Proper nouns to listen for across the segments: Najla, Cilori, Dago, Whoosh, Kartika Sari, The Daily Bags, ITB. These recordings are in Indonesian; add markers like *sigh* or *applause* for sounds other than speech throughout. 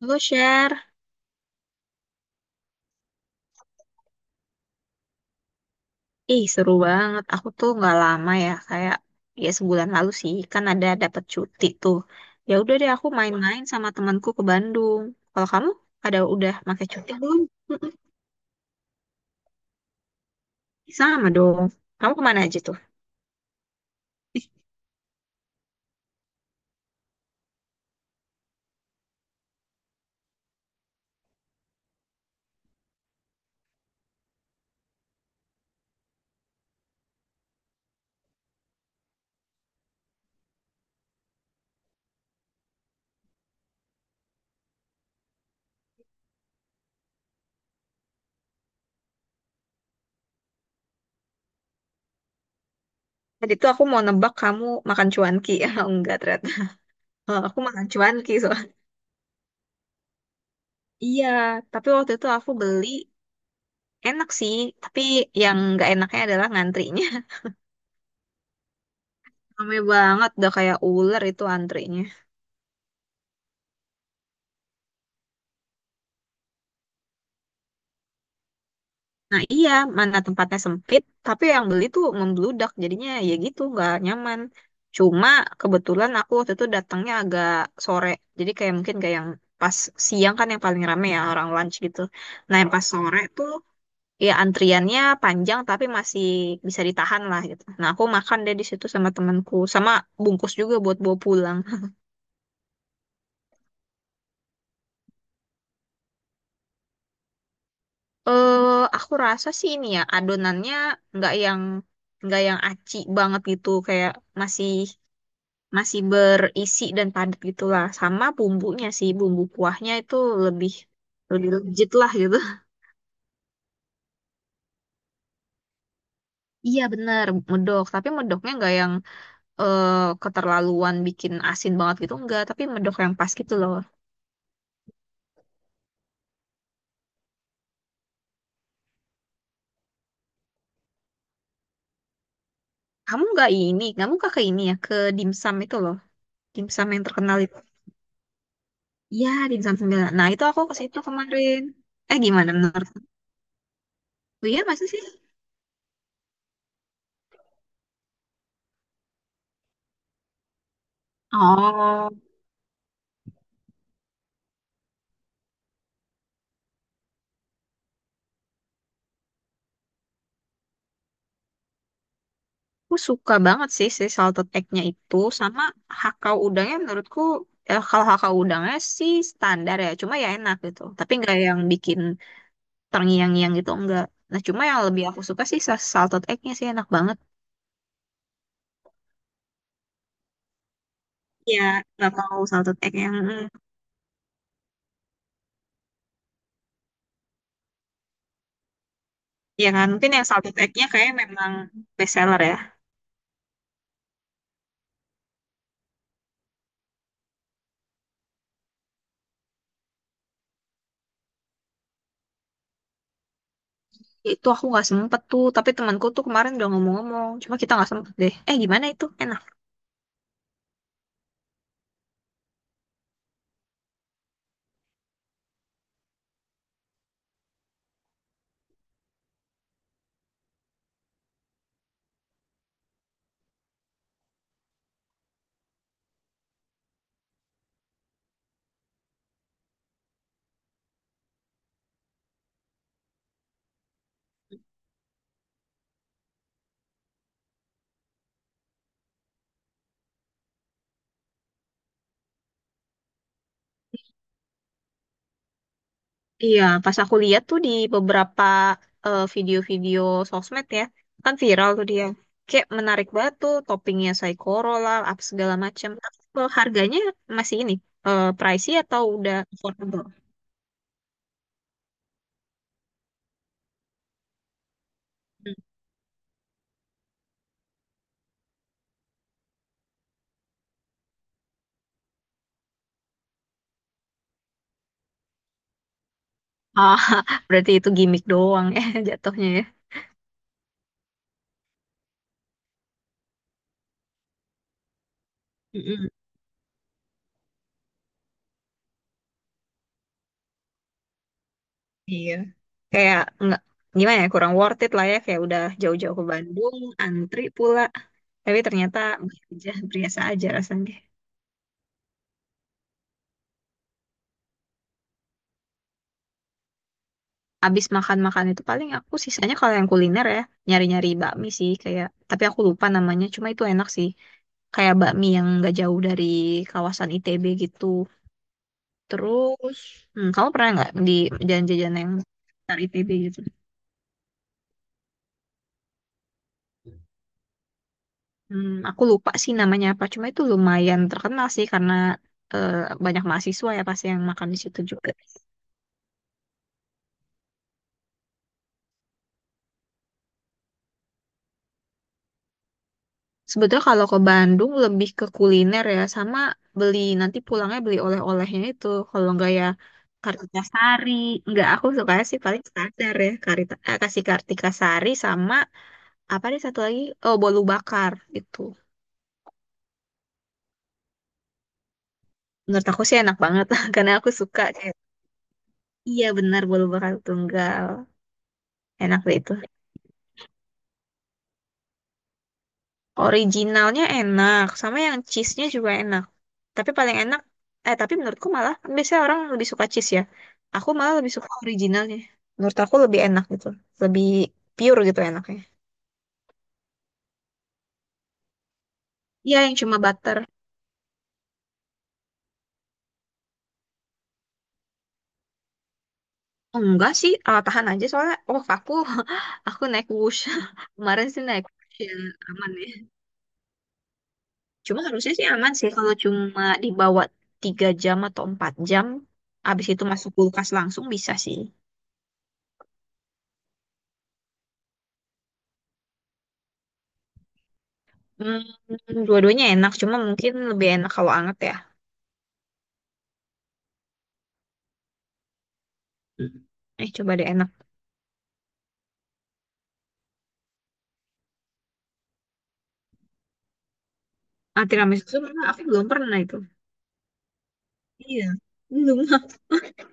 Halo share, ih seru banget. Aku tuh nggak lama ya, kayak sebulan lalu sih, kan ada dapat cuti tuh. Ya udah deh, aku main-main sama temanku ke Bandung. Kalau kamu udah pakai cuti belum? Mm-mm. Sama dong. Kamu kemana aja tuh? Tadi tuh aku mau nebak kamu makan cuanki, *laughs* ya enggak ternyata. Aku makan cuanki soalnya. Iya, tapi waktu itu aku beli enak sih, tapi yang nggak enaknya adalah ngantrinya. *laughs* Rame banget, udah kayak ular itu antrinya. Nah iya, mana tempatnya sempit, tapi yang beli tuh membludak, jadinya ya gitu, nggak nyaman. Cuma kebetulan aku waktu itu datangnya agak sore, jadi kayak mungkin kayak yang pas siang kan yang paling rame ya orang lunch gitu. Nah yang pas sore tuh ya antriannya panjang tapi masih bisa ditahan lah gitu. Nah aku makan deh di situ sama temanku, sama bungkus juga buat bawa pulang. Eh aku rasa sih ini ya adonannya nggak yang nggak yang aci banget gitu, kayak masih masih berisi dan padat gitulah sama bumbunya sih bumbu kuahnya itu lebih lebih legit lah gitu. *laughs* Iya bener medok tapi medoknya nggak yang eh, keterlaluan bikin asin banget gitu enggak tapi medok yang pas gitu loh. Kamu nggak ini kamu nggak ke ini ya ke dimsum itu loh, dimsum yang terkenal itu. Iya dimsum sembilan, nah itu aku ke situ kemarin. Eh gimana menurut, iya masa sih. Oh, aku suka banget sih si salted egg-nya itu sama hakau udangnya menurutku. Kalau hakau udangnya sih standar ya, cuma ya enak gitu tapi nggak yang bikin terngiang-ngiang gitu enggak. Nah cuma yang lebih aku suka sih salted egg-nya sih enak banget ya. Nggak mau salted egg yang ya kan mungkin yang salted egg-nya kayak memang best seller ya. Itu aku nggak sempet tuh, tapi temanku tuh kemarin udah ngomong-ngomong cuma kita nggak sempet deh. Eh gimana itu, enak? Iya, pas aku lihat tuh di beberapa video-video sosmed ya, kan viral tuh dia. Kayak menarik banget tuh toppingnya Saikoro lah, apa segala macam. Tapi kalau harganya masih ini, pricey atau udah affordable? Hmm. Ah, *laughs* berarti itu gimmick doang ya *laughs* jatuhnya ya. Mm-mm. Iya. Kayak nggak gimana ya, kurang worth it lah ya. Kayak udah jauh-jauh ke Bandung, antri pula. Tapi ternyata biasa aja, biasa aja rasanya. Abis makan-makan itu paling aku sisanya kalau yang kuliner ya nyari-nyari bakmi sih kayak, tapi aku lupa namanya cuma itu enak sih. Kayak bakmi yang nggak jauh dari kawasan ITB gitu. Terus hmm, kamu pernah nggak di jajan-jajan yang dari ITB gitu? Hmm, aku lupa sih namanya apa cuma itu lumayan terkenal sih karena eh, banyak mahasiswa ya pasti yang makan di situ juga. Sebetulnya kalau ke Bandung lebih ke kuliner ya, sama beli nanti pulangnya beli oleh-olehnya itu. Kalau enggak ya Kartika Sari. Enggak, aku suka sih paling standar ya Karita, eh, kasih Kartika Sari sama apa nih satu lagi? Oh, bolu bakar itu. Menurut aku sih enak banget *laughs* karena aku suka kayak iya benar bolu bakar tunggal. Enak deh itu. Originalnya enak, sama yang cheese-nya juga enak. Tapi paling enak, eh tapi menurutku malah kan biasanya orang lebih suka cheese ya. Aku malah lebih suka originalnya. Menurut aku lebih enak gitu, lebih pure gitu enaknya. Iya yang cuma butter. Enggak sih, tahan aja soalnya, oh aku, *laughs* aku naik Whoosh. *laughs* Kemarin sih naik Whoosh ya, aman ya. Cuma harusnya sih aman sih kalau cuma dibawa 3 jam atau 4 jam, abis itu masuk kulkas langsung bisa sih. Hmm, dua-duanya enak, cuma mungkin lebih enak kalau anget ya. Hmm. Eh, coba deh enak. Ah, tiramisu pernah. Aku belum pernah itu. Iya, belum. *laughs*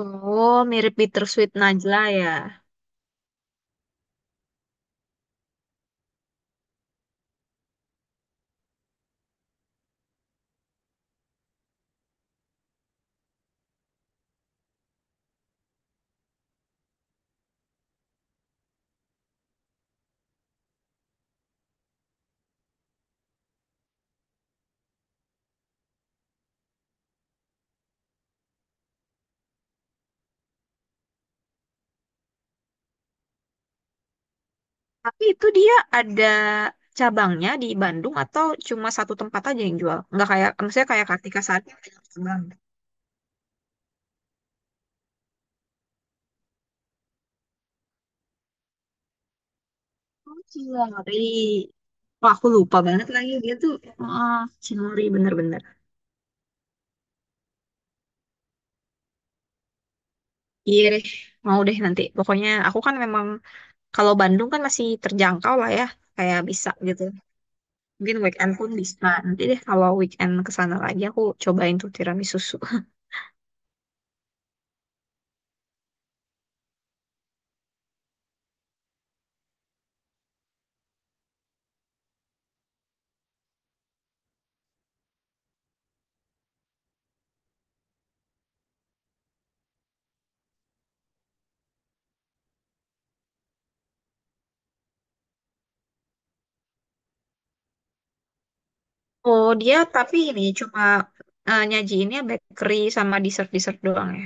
Oh, mirip bittersweet Najla ya. Tapi itu dia ada cabangnya di Bandung atau cuma satu tempat aja yang jual? Nggak kayak, maksudnya kayak Kartika Sari yang banyak cabang. Oh, Cilori. Wah, aku lupa banget lagi dia tuh. Ah, Cinori bener-bener. Iya deh, mau deh nanti. Pokoknya aku kan memang kalau Bandung kan masih terjangkau lah ya, kayak bisa gitu. Mungkin weekend pun bisa. Nanti deh kalau weekend ke sana lagi aku cobain tuh tiramisu susu. *laughs* Oh, dia tapi ini cuma nyajiinnya bakery sama dessert-dessert doang ya.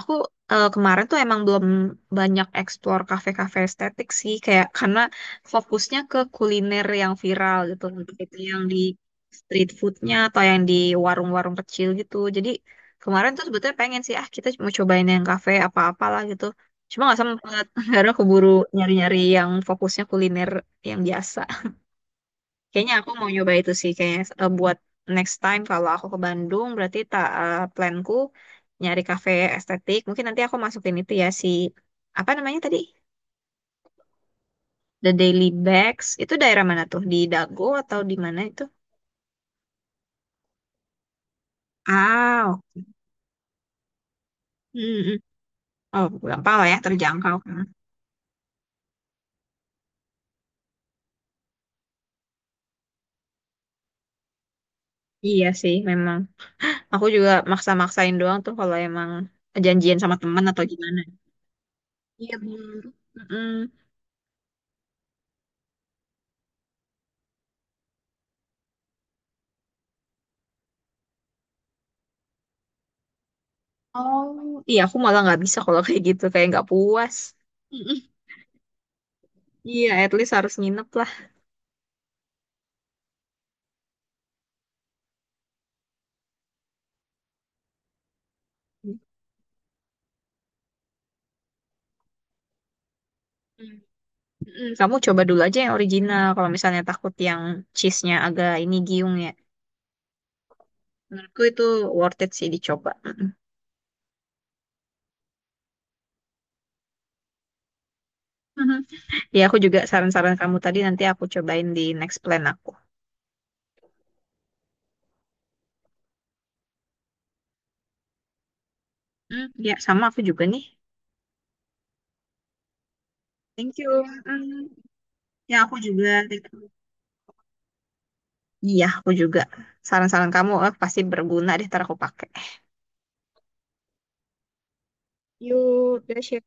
Aku eh, kemarin tuh emang belum banyak explore kafe-kafe estetik sih, kayak karena fokusnya ke kuliner yang viral gitu, entah itu yang di street foodnya atau yang di warung-warung kecil gitu. Jadi kemarin tuh sebetulnya pengen sih, ah kita mau cobain yang kafe apa-apalah gitu. Cuma nggak sempet, *laughs* karena keburu nyari-nyari yang fokusnya kuliner yang biasa. Kayaknya aku mau nyoba itu sih kayaknya, buat next time kalau aku ke Bandung berarti tak planku nyari kafe estetik. Mungkin nanti aku masukin itu ya, si apa namanya tadi? The Daily Bags. Itu daerah mana tuh? Di Dago atau di mana itu? Ah, oke. Mm-mm. Oh, gampang lah ya terjangkau kan. Iya sih, memang. Aku juga maksa-maksain doang tuh kalau emang janjian sama teman atau gimana. Iya bener. Mm-mm. Oh, iya aku malah nggak bisa kalau kayak gitu, kayak nggak puas. Iya, at least harus nginep lah. Hmm. Mm, kamu coba dulu aja yang original. Kalau misalnya takut yang cheese-nya agak ini giung ya. Menurutku itu worth it sih dicoba. Mm-mm. Mhm. Ya, aku juga saran-saran kamu tadi nanti aku cobain di next plan aku. Mm, ya, sama aku juga nih. Thank you. Mm, ya, aku juga. Thank you. Iya, aku juga. Saran-saran kamu pasti berguna deh, ntar aku pakai. Yuk, Dasya.